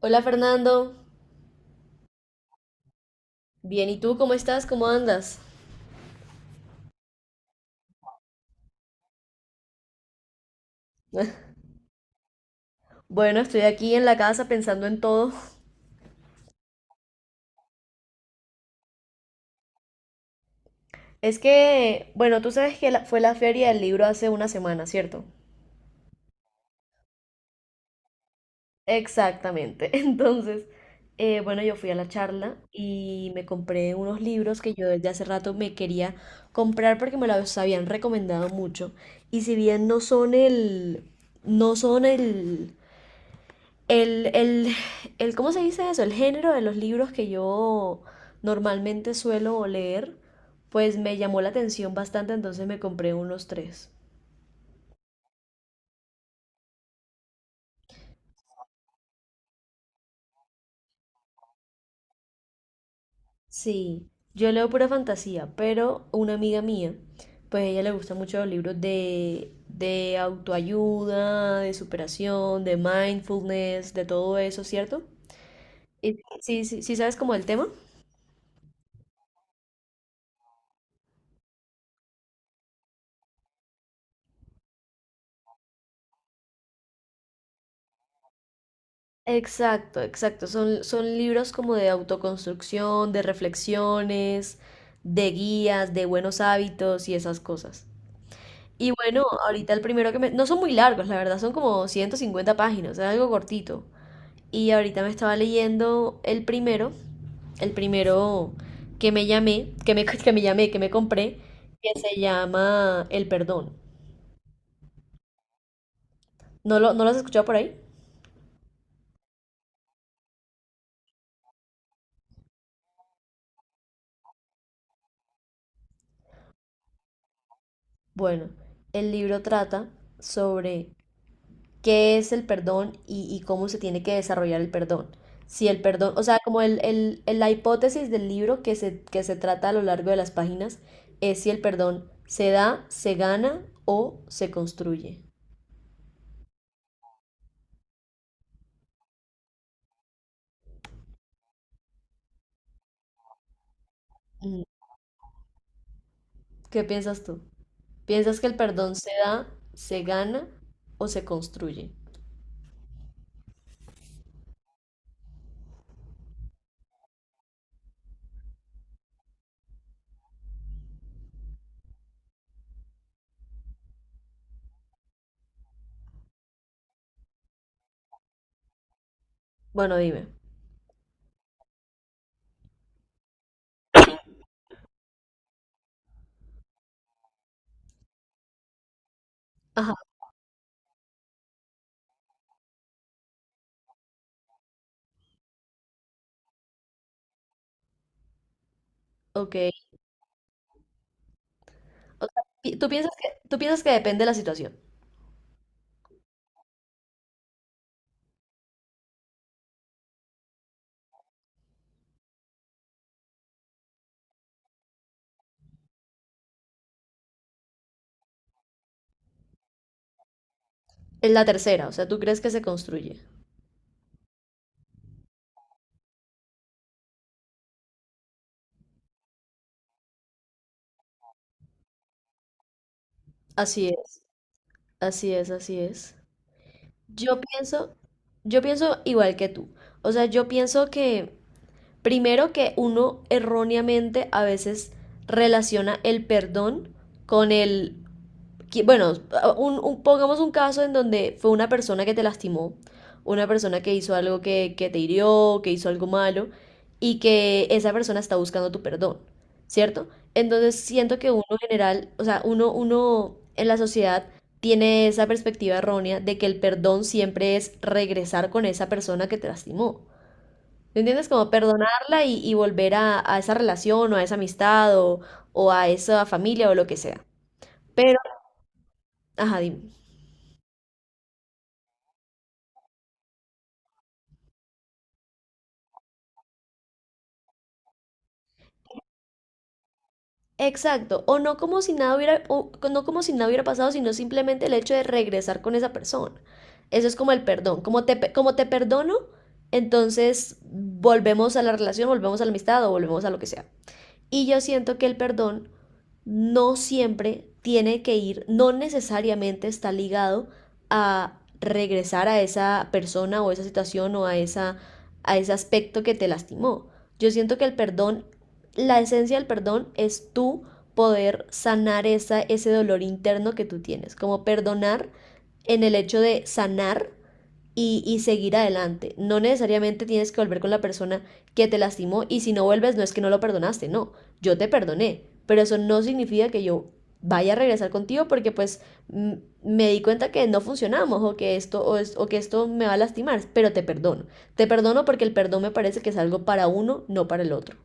Hola, Fernando. Bien, ¿y tú cómo estás? ¿Cómo andas? Bueno, estoy aquí en la casa pensando en todo. Es que, bueno, tú sabes que fue la feria del libro hace una semana, ¿cierto? Exactamente. Entonces, bueno, yo fui a la charla y me compré unos libros que yo desde hace rato me quería comprar porque me los habían recomendado mucho. Y si bien no son el, no son El, el, el, ¿cómo se dice eso? El género de los libros que yo normalmente suelo leer, pues me llamó la atención bastante, entonces me compré unos tres. Sí, yo leo pura fantasía, pero una amiga mía, pues a ella le gustan mucho los libros de autoayuda, de superación, de mindfulness, de todo eso, ¿cierto? Y sí, sí, sí, ¿sabes como el tema? Exacto, exacto. Son libros como de autoconstrucción, de reflexiones, de guías, de buenos hábitos y esas cosas. Y bueno, ahorita el primero que me... No son muy largos, la verdad, son como 150 páginas, es algo cortito. Y ahorita me estaba leyendo el primero, el primero que me llamé, que me, que me llamé, que me compré, que se llama El Perdón. ¿No lo has escuchado por ahí? Bueno, el libro trata sobre qué es el perdón y cómo se tiene que desarrollar el perdón. Si el perdón, o sea, como la hipótesis del libro que se trata a lo largo de las páginas es si el perdón se da, se gana o se construye. Mm. ¿Qué piensas tú? ¿Piensas que el perdón se da, se gana o se construye? Bueno, dime. Ajá, ok. O sea, tú piensas que depende de la situación. Es la tercera, o sea, tú crees que se construye. Así es, así es, así es. Yo pienso, yo pienso igual que tú. O sea, yo pienso que primero que uno erróneamente a veces relaciona el perdón con el bueno, pongamos un caso en donde fue una persona que te lastimó, una persona que hizo algo que te hirió, que hizo algo malo, y que esa persona está buscando tu perdón, ¿cierto? Entonces siento que uno general, o sea, uno en la sociedad tiene esa perspectiva errónea de que el perdón siempre es regresar con esa persona que te lastimó. ¿Me entiendes? Como perdonarla y volver a esa relación o a esa amistad o a esa familia o lo que sea. Pero, ajá, dime. Exacto, o no como si nada hubiera, o no como si nada hubiera pasado, sino simplemente el hecho de regresar con esa persona. Eso es como el perdón, como te, como te perdono, entonces volvemos a la relación, volvemos a la amistad o volvemos a lo que sea. Y yo siento que el perdón no siempre tiene que ir, no necesariamente está ligado a regresar a esa persona o a esa situación o a, esa, a ese aspecto que te lastimó. Yo siento que el perdón, la esencia del perdón es tú poder sanar esa, ese dolor interno que tú tienes, como perdonar en el hecho de sanar y seguir adelante. No necesariamente tienes que volver con la persona que te lastimó, y si no vuelves no es que no lo perdonaste. No, yo te perdoné, pero eso no significa que yo vaya a regresar contigo porque pues mm, me di cuenta que no funcionamos o que esto o, es, o que esto me va a lastimar, pero te perdono. Te perdono porque el perdón me parece que es algo para uno, no para el otro.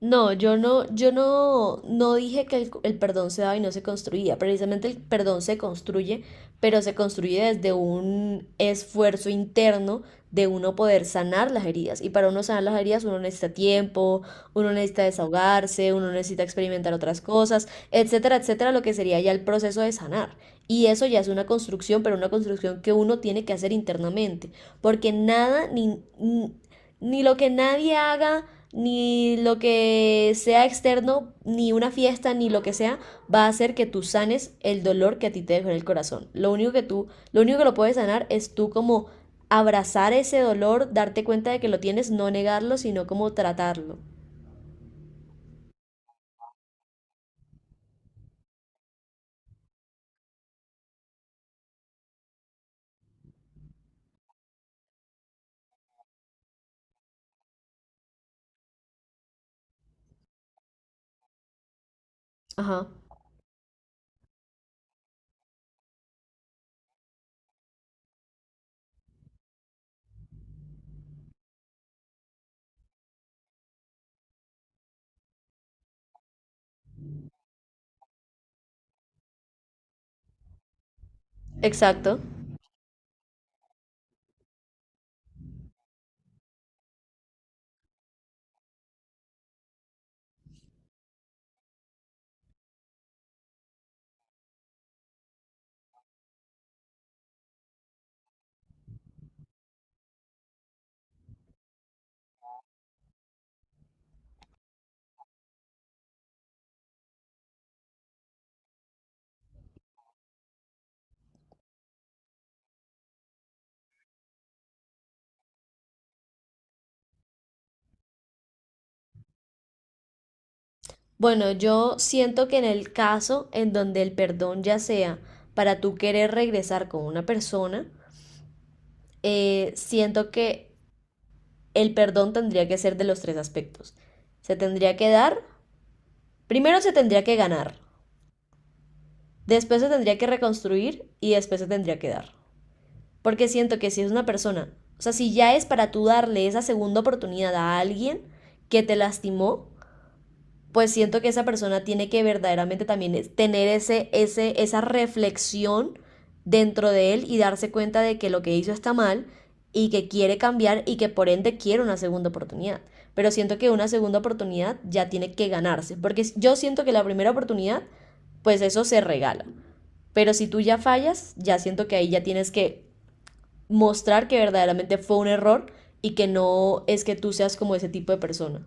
No, yo no, yo no, no dije que el perdón se daba y no se construía. Precisamente el perdón se construye, pero se construye desde un esfuerzo interno de uno poder sanar las heridas. Y para uno sanar las heridas, uno necesita tiempo, uno necesita desahogarse, uno necesita experimentar otras cosas, etcétera, etcétera, lo que sería ya el proceso de sanar. Y eso ya es una construcción, pero una construcción que uno tiene que hacer internamente, porque nada ni lo que nadie haga, ni lo que sea externo, ni una fiesta, ni lo que sea, va a hacer que tú sanes el dolor que a ti te dejó en el corazón. Lo único que lo puedes sanar es tú como abrazar ese dolor, darte cuenta de que lo tienes, no negarlo, sino como tratarlo. Ajá, exacto. Bueno, yo siento que en el caso en donde el perdón ya sea para tú querer regresar con una persona, siento que el perdón tendría que ser de los tres aspectos. Se tendría que dar, primero se tendría que ganar, después se tendría que reconstruir y después se tendría que dar. Porque siento que si es una persona, o sea, si ya es para tú darle esa segunda oportunidad a alguien que te lastimó, pues siento que esa persona tiene que verdaderamente también tener esa reflexión dentro de él y darse cuenta de que lo que hizo está mal y que quiere cambiar y que por ende quiere una segunda oportunidad. Pero siento que una segunda oportunidad ya tiene que ganarse, porque yo siento que la primera oportunidad, pues eso se regala. Pero si tú ya fallas, ya siento que ahí ya tienes que mostrar que verdaderamente fue un error y que no es que tú seas como ese tipo de persona.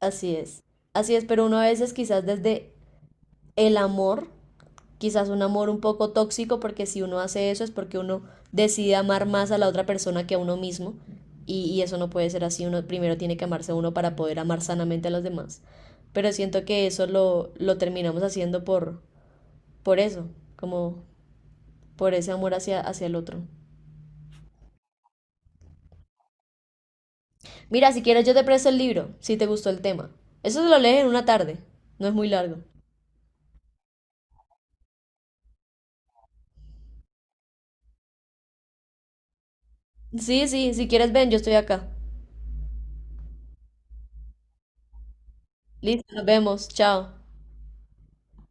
Así es, así es, pero uno a veces quizás desde el amor, quizás un amor un poco tóxico, porque si uno hace eso es porque uno decide amar más a la otra persona que a uno mismo, y eso no puede ser así, uno primero tiene que amarse a uno para poder amar sanamente a los demás, pero siento que eso lo terminamos haciendo por eso, como por ese amor hacia, hacia el otro. Mira, si quieres yo te presto el libro, si te gustó el tema. Eso se lo lees en una tarde, no es muy largo. Sí, sí, si quieres ven, yo estoy acá. Listo, nos vemos. Chao.